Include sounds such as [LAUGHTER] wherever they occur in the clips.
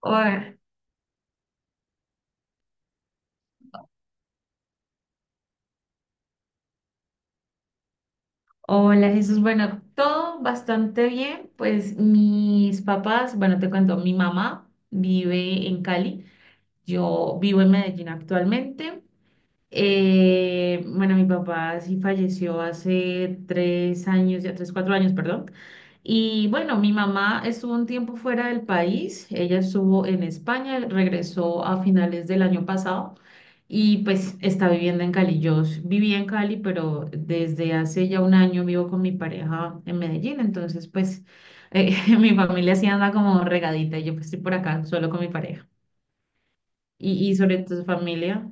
Hola, hola, Jesús. Bueno, todo bastante bien. Pues mis papás, bueno, te cuento, mi mamá vive en Cali, yo vivo en Medellín actualmente. Bueno, mi papá sí falleció hace 3 años, ya 3, 4 años, perdón. Y bueno, mi mamá estuvo un tiempo fuera del país, ella estuvo en España, regresó a finales del año pasado y pues está viviendo en Cali. Yo vivía en Cali, pero desde hace ya un año vivo con mi pareja en Medellín, entonces pues eh, [LAUGHS] mi familia sí anda como regadita y yo pues estoy por acá solo con mi pareja. ¿Y sobre tu familia?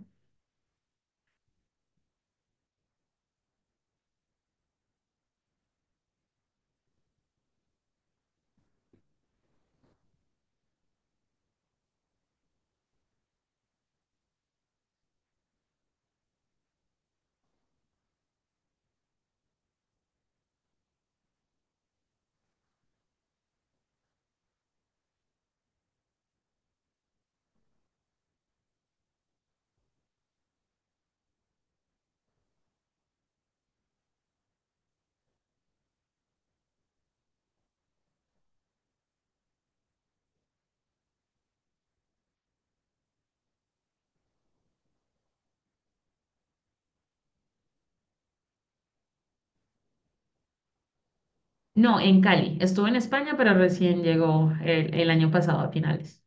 No, en Cali. Estuvo en España, pero recién llegó el año pasado a finales.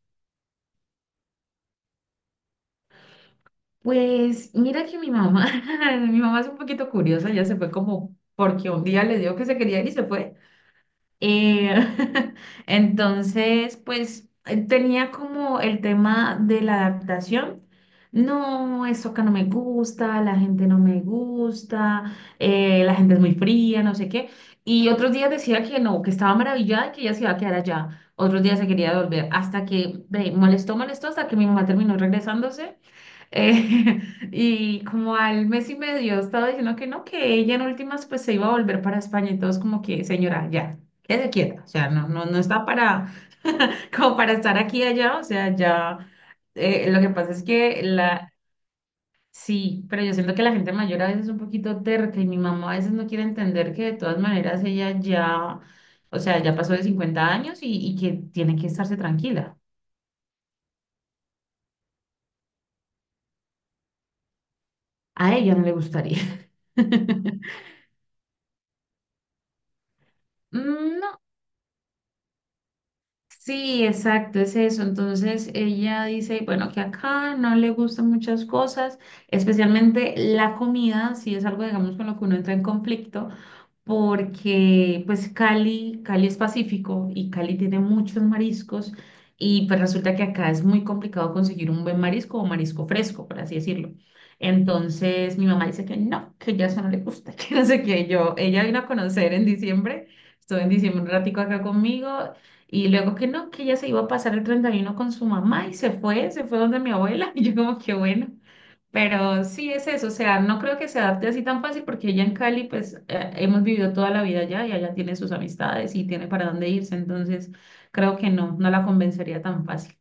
Pues mira que mi mamá, [LAUGHS] mi mamá es un poquito curiosa, ya se fue como porque un día le dijo que se quería ir y se fue. Eh, [LAUGHS] entonces, pues tenía como el tema de la adaptación. No, eso acá no me gusta, la gente no me gusta, la gente es muy fría, no sé qué. Y otros días decía que no, que estaba maravillada y que ella se iba a quedar allá. Otros días se quería volver, hasta que ve, molestó, molestó, hasta que mi mamá terminó regresándose. Eh, [LAUGHS] y como al mes y medio estaba diciendo que no, que ella en últimas pues se iba a volver para España y todos como que, señora, ya, quédese quieta, o sea, no, no, no está para, [LAUGHS] como para estar aquí y allá, o sea, ya, lo que pasa es que la, sí, pero yo siento que la gente mayor a veces es un poquito terca y mi mamá a veces no quiere entender que de todas maneras ella ya, o sea, ya pasó de 50 años y que tiene que estarse tranquila. A ella no le gustaría. [LAUGHS] Mm, no, sí, exacto, es eso. Entonces ella dice, bueno, que acá no le gustan muchas cosas, especialmente la comida, si es algo, digamos, con lo que uno entra en conflicto porque pues Cali, Cali es Pacífico y Cali tiene muchos mariscos y pues resulta que acá es muy complicado conseguir un buen marisco o marisco fresco, por así decirlo. Entonces mi mamá dice que no, que ya eso no le gusta, [LAUGHS] que no sé qué. Yo, ella vino a conocer en diciembre, estuvo en diciembre un ratico acá conmigo y luego que no, que ella se iba a pasar el 31 con su mamá y se fue donde mi abuela [LAUGHS] y yo como que bueno. Pero sí es eso, o sea, no creo que se adapte así tan fácil porque ella en Cali, pues hemos vivido toda la vida allá y allá tiene sus amistades y tiene para dónde irse, entonces creo que no, no la convencería tan fácil.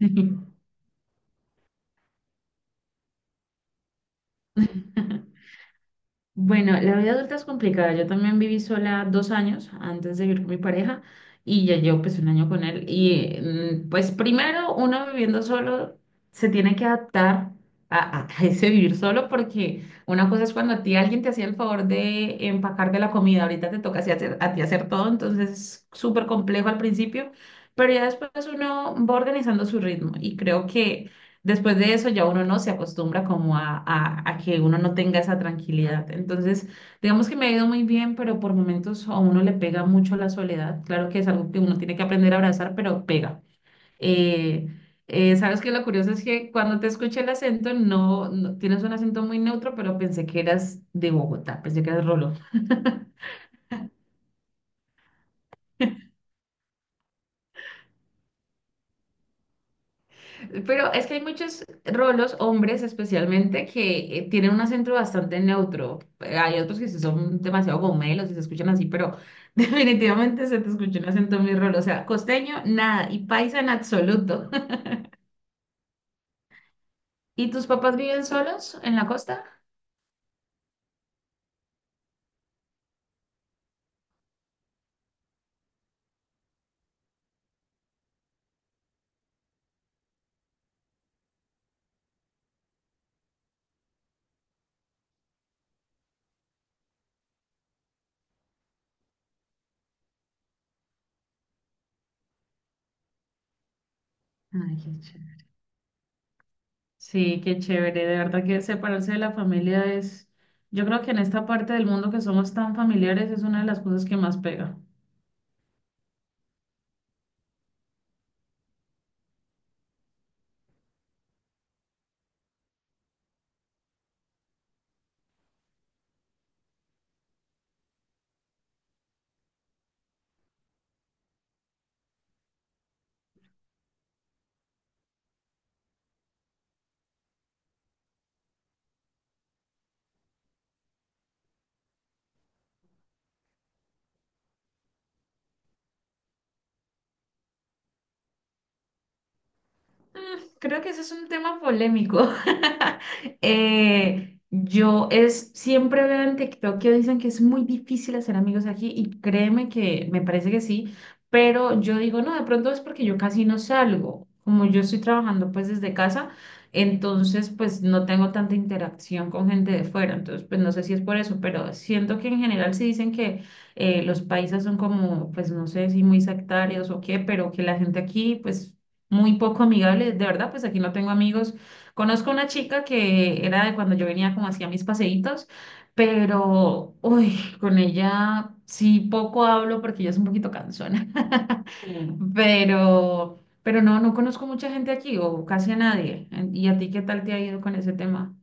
[LAUGHS] Bueno, la vida adulta es complicada. Yo también viví sola 2 años antes de vivir con mi pareja y ya llevo pues un año con él. Y pues primero uno viviendo solo se tiene que adaptar a, a ese vivir solo porque una cosa es cuando a ti alguien te hacía el favor de empacar de la comida, ahorita te toca así a ti hacer todo, entonces es súper complejo al principio, pero ya después uno va organizando su ritmo y creo que... Después de eso ya uno no se acostumbra como a que uno no tenga esa tranquilidad. Entonces, digamos que me ha ido muy bien, pero por momentos a uno le pega mucho la soledad. Claro que es algo que uno tiene que aprender a abrazar, pero pega. Eh, sabes que lo curioso es que cuando te escuché el acento, tienes un acento muy neutro, pero pensé que eras de Bogotá, pensé que eras Rolo. Pero es que hay muchos rolos, hombres especialmente, que tienen un acento bastante neutro. Hay otros que sí son demasiado gomelos y se escuchan así, pero [LAUGHS] definitivamente se te escucha un acento muy rolo. O sea, costeño, nada, y paisa en absoluto. [LAUGHS] ¿Y tus papás viven solos en la costa? Ay, qué chévere. Sí, qué chévere. De verdad que separarse de la familia es, yo creo que en esta parte del mundo que somos tan familiares es una de las cosas que más pega. Mm, Creo que ese es un tema polémico. [LAUGHS] Yo es, siempre veo en TikTok que dicen que es muy difícil hacer amigos aquí y créeme que me parece que sí, pero yo digo, no, de pronto es porque yo casi no salgo. Como yo estoy trabajando pues desde casa, entonces pues no tengo tanta interacción con gente de fuera, entonces pues no sé si es por eso, pero siento que en general sí dicen que los países son como, pues no sé si muy sectarios o qué, pero que la gente aquí pues muy poco amigable, de verdad, pues aquí no tengo amigos. Conozco una chica que era de cuando yo venía como hacía mis paseitos, pero, uy, con ella sí poco hablo porque ella es un poquito cansona. [LAUGHS] Sí. Pero no, no conozco mucha gente aquí o casi a nadie. ¿Y a ti qué tal te ha ido con ese tema?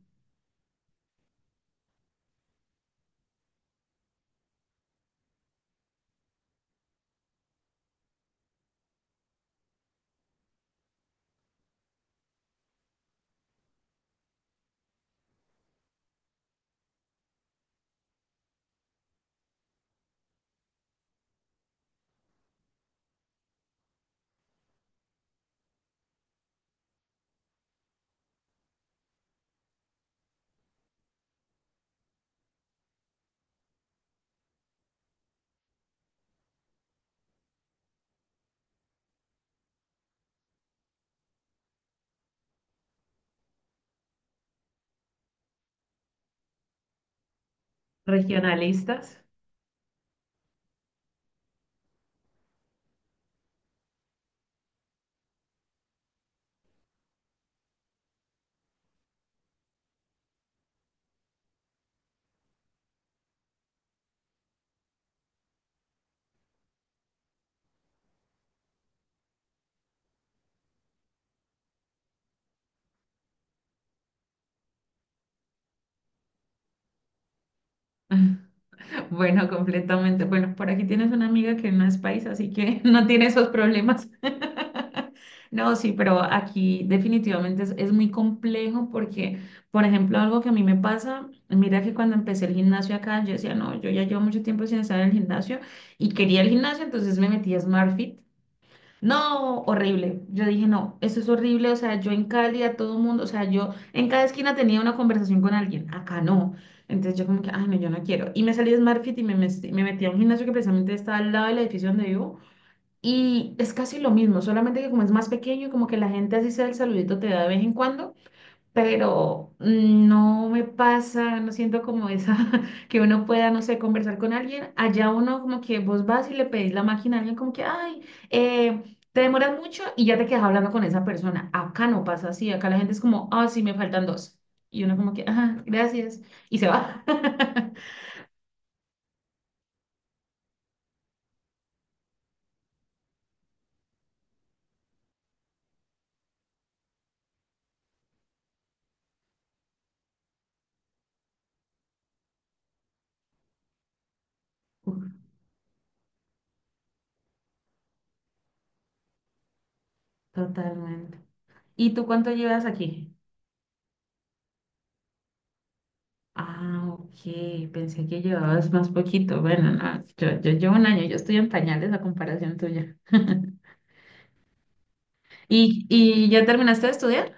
Regionalistas. [LAUGHS] [LAUGHS] Bueno, completamente. Bueno, por aquí tienes una amiga que no es paisa, así que [LAUGHS] no tiene esos problemas. [LAUGHS] No, sí, pero aquí definitivamente es muy complejo porque, por ejemplo, algo que a mí me pasa, mira que cuando empecé el gimnasio acá, yo decía, no, yo ya llevo mucho tiempo sin estar en el gimnasio y quería el gimnasio, entonces me metí a SmartFit no, horrible. Yo dije, no, eso es horrible. O sea, yo en Cali a todo mundo, o sea, yo en cada esquina tenía una conversación con alguien, acá no. Entonces yo como que, ay, no, yo no quiero. Y me salí de SmartFit y me metí a un gimnasio que precisamente está al lado del edificio donde vivo. Y es casi lo mismo, solamente que como es más pequeño y como que la gente así sea el saludito te da de vez en cuando, pero no me pasa, no siento como esa, [LAUGHS] que uno pueda, no sé, conversar con alguien. Allá uno como que vos vas y le pedís la máquina a alguien como que, ay, te demoras mucho y ya te quedas hablando con esa persona. Acá no pasa así, acá la gente es como, ah, sí, me faltan dos. Y uno como que, ah, gracias, y se va. [LAUGHS] Uf, totalmente. ¿Y tú cuánto llevas aquí? Ah, ok, pensé que llevabas más poquito. Bueno, no, yo llevo un año, yo estoy en pañales a comparación tuya. [LAUGHS] ¿Y ya terminaste de estudiar?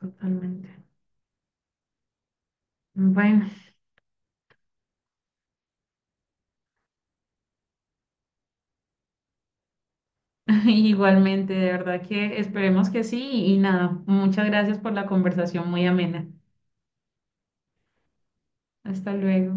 Totalmente. Bueno, [LAUGHS] igualmente, de verdad que esperemos que sí y nada, muchas gracias por la conversación muy amena. Hasta luego.